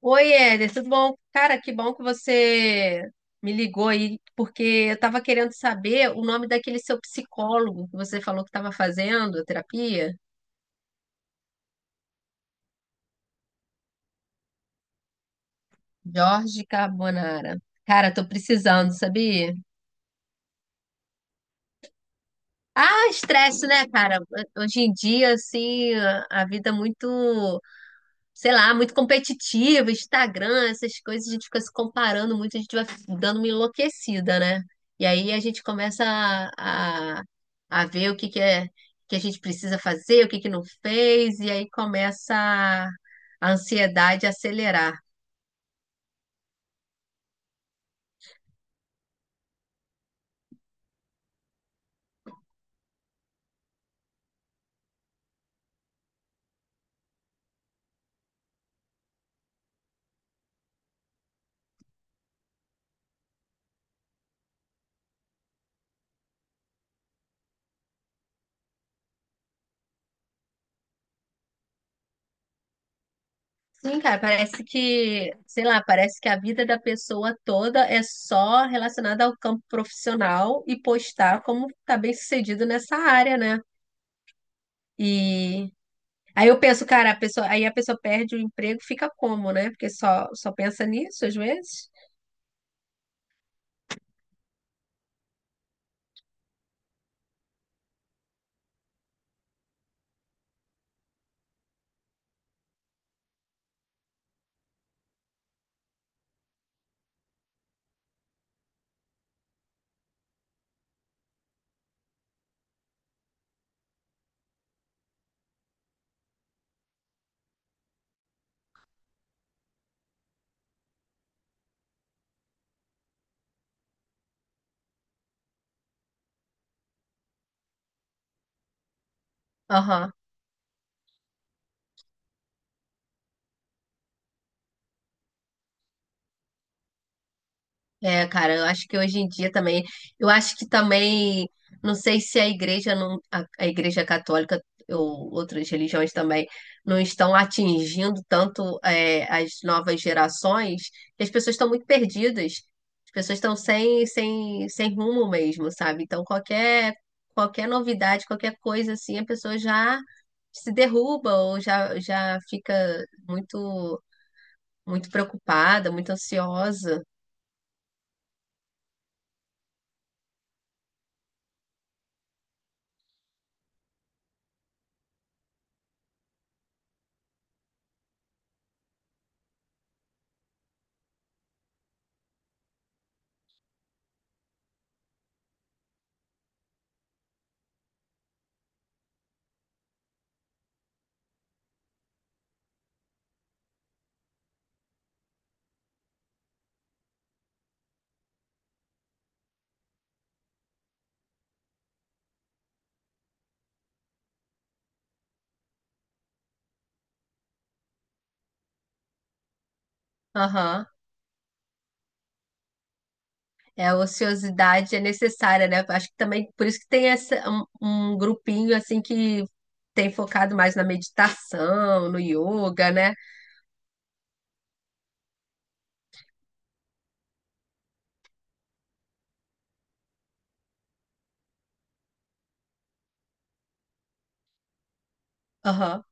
Oi, Éder, tudo bom? Cara, que bom que você me ligou aí, porque eu estava querendo saber o nome daquele seu psicólogo que você falou que estava fazendo terapia, Jorge Carbonara. Cara, tô precisando, sabia? Ah, estresse, né, cara? Hoje em dia, assim, a vida é muito, sei lá, muito competitivo, Instagram, essas coisas, a gente fica se comparando muito, a gente vai dando uma enlouquecida, né? E aí a gente começa a ver o que que é que a gente precisa fazer, o que que não fez, e aí começa a ansiedade a acelerar. Sim, cara, parece que, sei lá, parece que a vida da pessoa toda é só relacionada ao campo profissional e postar como tá bem sucedido nessa área, né? e Aí eu penso, cara, a pessoa, aí a pessoa perde o emprego, fica como, né? Porque só pensa nisso às vezes. Aham. É, cara, eu acho que hoje em dia também, eu acho que também, não sei se a igreja não, a igreja católica ou outras religiões também não estão atingindo tanto, é, as novas gerações, e as pessoas estão muito perdidas, as pessoas estão sem rumo mesmo, sabe? Então qualquer novidade, qualquer coisa assim, a pessoa já se derruba ou já, já fica muito, muito preocupada, muito ansiosa. Aham. É, a ociosidade é necessária, né? Acho que também por isso que tem essa, um grupinho assim que tem focado mais na meditação, no yoga, né? Aham.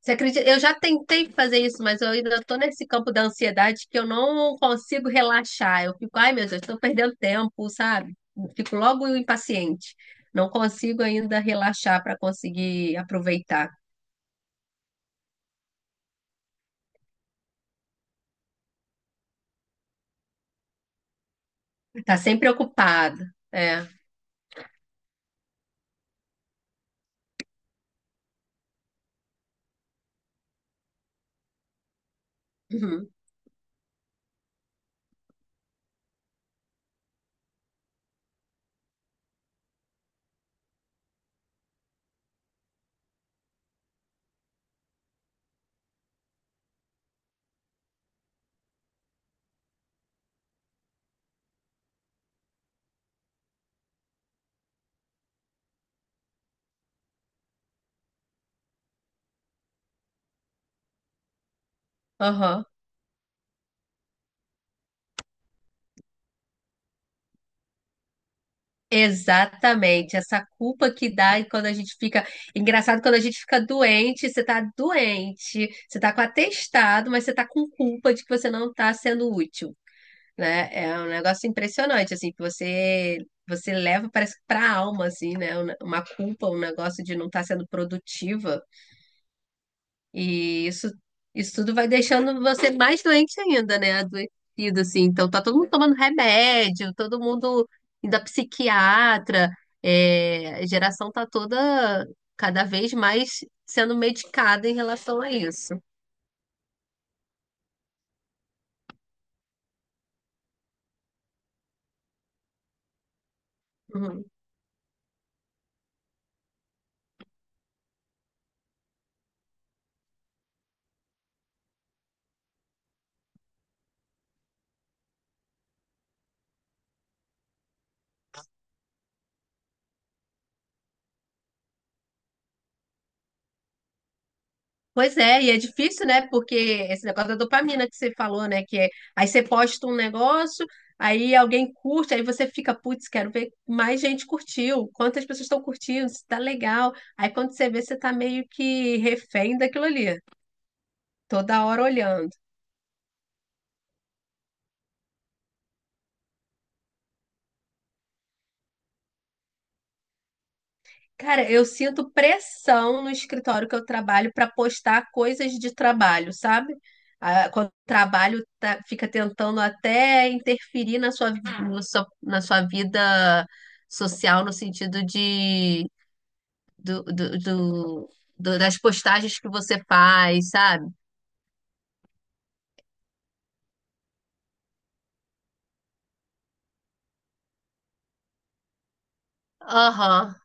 Você acredita? Eu já tentei fazer isso, mas eu ainda estou nesse campo da ansiedade que eu não consigo relaxar. Eu fico, ai meu Deus, estou perdendo tempo, sabe? Fico logo impaciente. Não consigo ainda relaxar para conseguir aproveitar. Tá sempre ocupado. É. Uhum. Aham. Exatamente, essa culpa que dá e quando a gente fica. Engraçado, quando a gente fica doente, você tá com atestado, mas você tá com culpa de que você não tá sendo útil, né? É um negócio impressionante, assim, que você leva, parece que pra alma, assim, né? Uma culpa, um negócio de não estar sendo produtiva. E isso tudo vai deixando você mais doente ainda, né? Adoecido, assim. Então, tá todo mundo tomando remédio, todo mundo indo a psiquiatra. É, a geração tá toda cada vez mais sendo medicada em relação a isso. Uhum. Pois é, e é difícil, né? Porque esse negócio da dopamina que você falou, né? Que é, aí você posta um negócio, aí alguém curte, aí você fica, putz, quero ver mais gente curtiu, quantas pessoas estão curtindo, se tá legal. Aí quando você vê, você tá meio que refém daquilo ali, toda hora olhando. Cara, eu sinto pressão no escritório que eu trabalho para postar coisas de trabalho, sabe? Ah, quando o trabalho fica tentando até interferir na sua, no na sua vida social, no sentido de do, do, do- do- das postagens que você faz, sabe? Aham.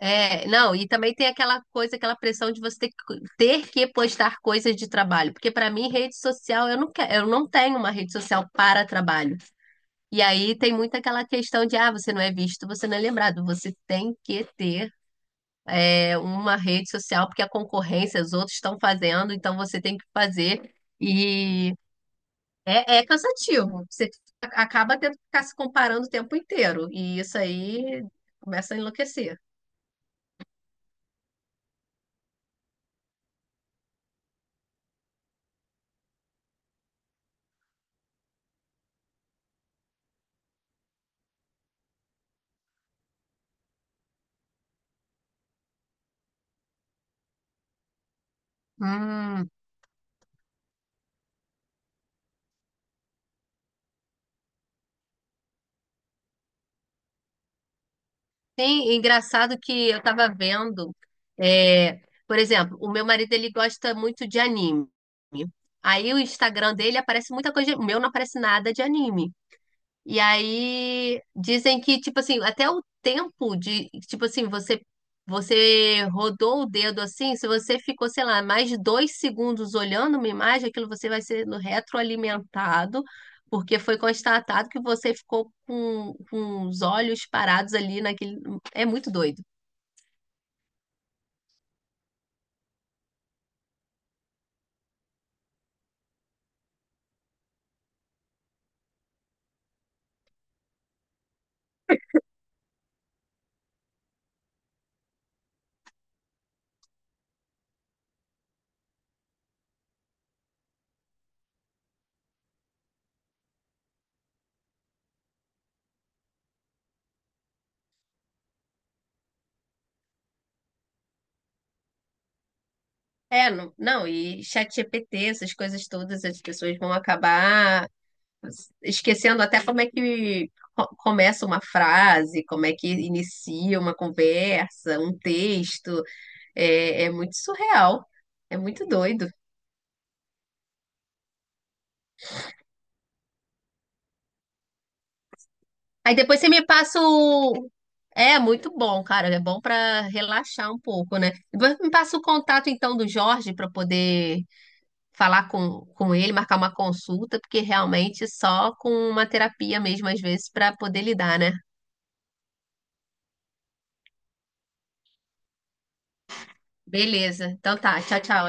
É, não, e também tem aquela coisa, aquela pressão de você ter que postar coisas de trabalho, porque para mim rede social, eu não, eu não tenho uma rede social para trabalho. E aí tem muito aquela questão de, ah, você não é visto, você não é lembrado. Você tem que ter, é, uma rede social, porque a concorrência, os outros estão fazendo, então você tem que fazer. E é, é cansativo. Você acaba tendo que ficar se comparando o tempo inteiro. E isso aí começa a enlouquecer. Hum. Sim, engraçado que eu tava vendo, é, por exemplo, o meu marido ele gosta muito de anime. Aí o Instagram dele aparece muita coisa, o meu não aparece nada de anime. E aí dizem que, tipo assim, até o tempo de, tipo assim, você rodou o dedo assim, se você ficou, sei lá, mais de 2 segundos olhando uma imagem, aquilo você vai sendo retroalimentado, porque foi constatado que você ficou com os olhos parados ali naquele. É muito doido. É, não, não, e ChatGPT, essas coisas todas, as pessoas vão acabar esquecendo até como é que começa uma frase, como é que inicia uma conversa, um texto. É, é muito surreal, é muito doido. Aí depois você me passa o. É muito bom, cara. É bom para relaxar um pouco, né? Depois me passa o contato então do Jorge para poder falar com ele, marcar uma consulta, porque realmente só com uma terapia mesmo às vezes para poder lidar, né? Beleza. Então tá. Tchau, tchau.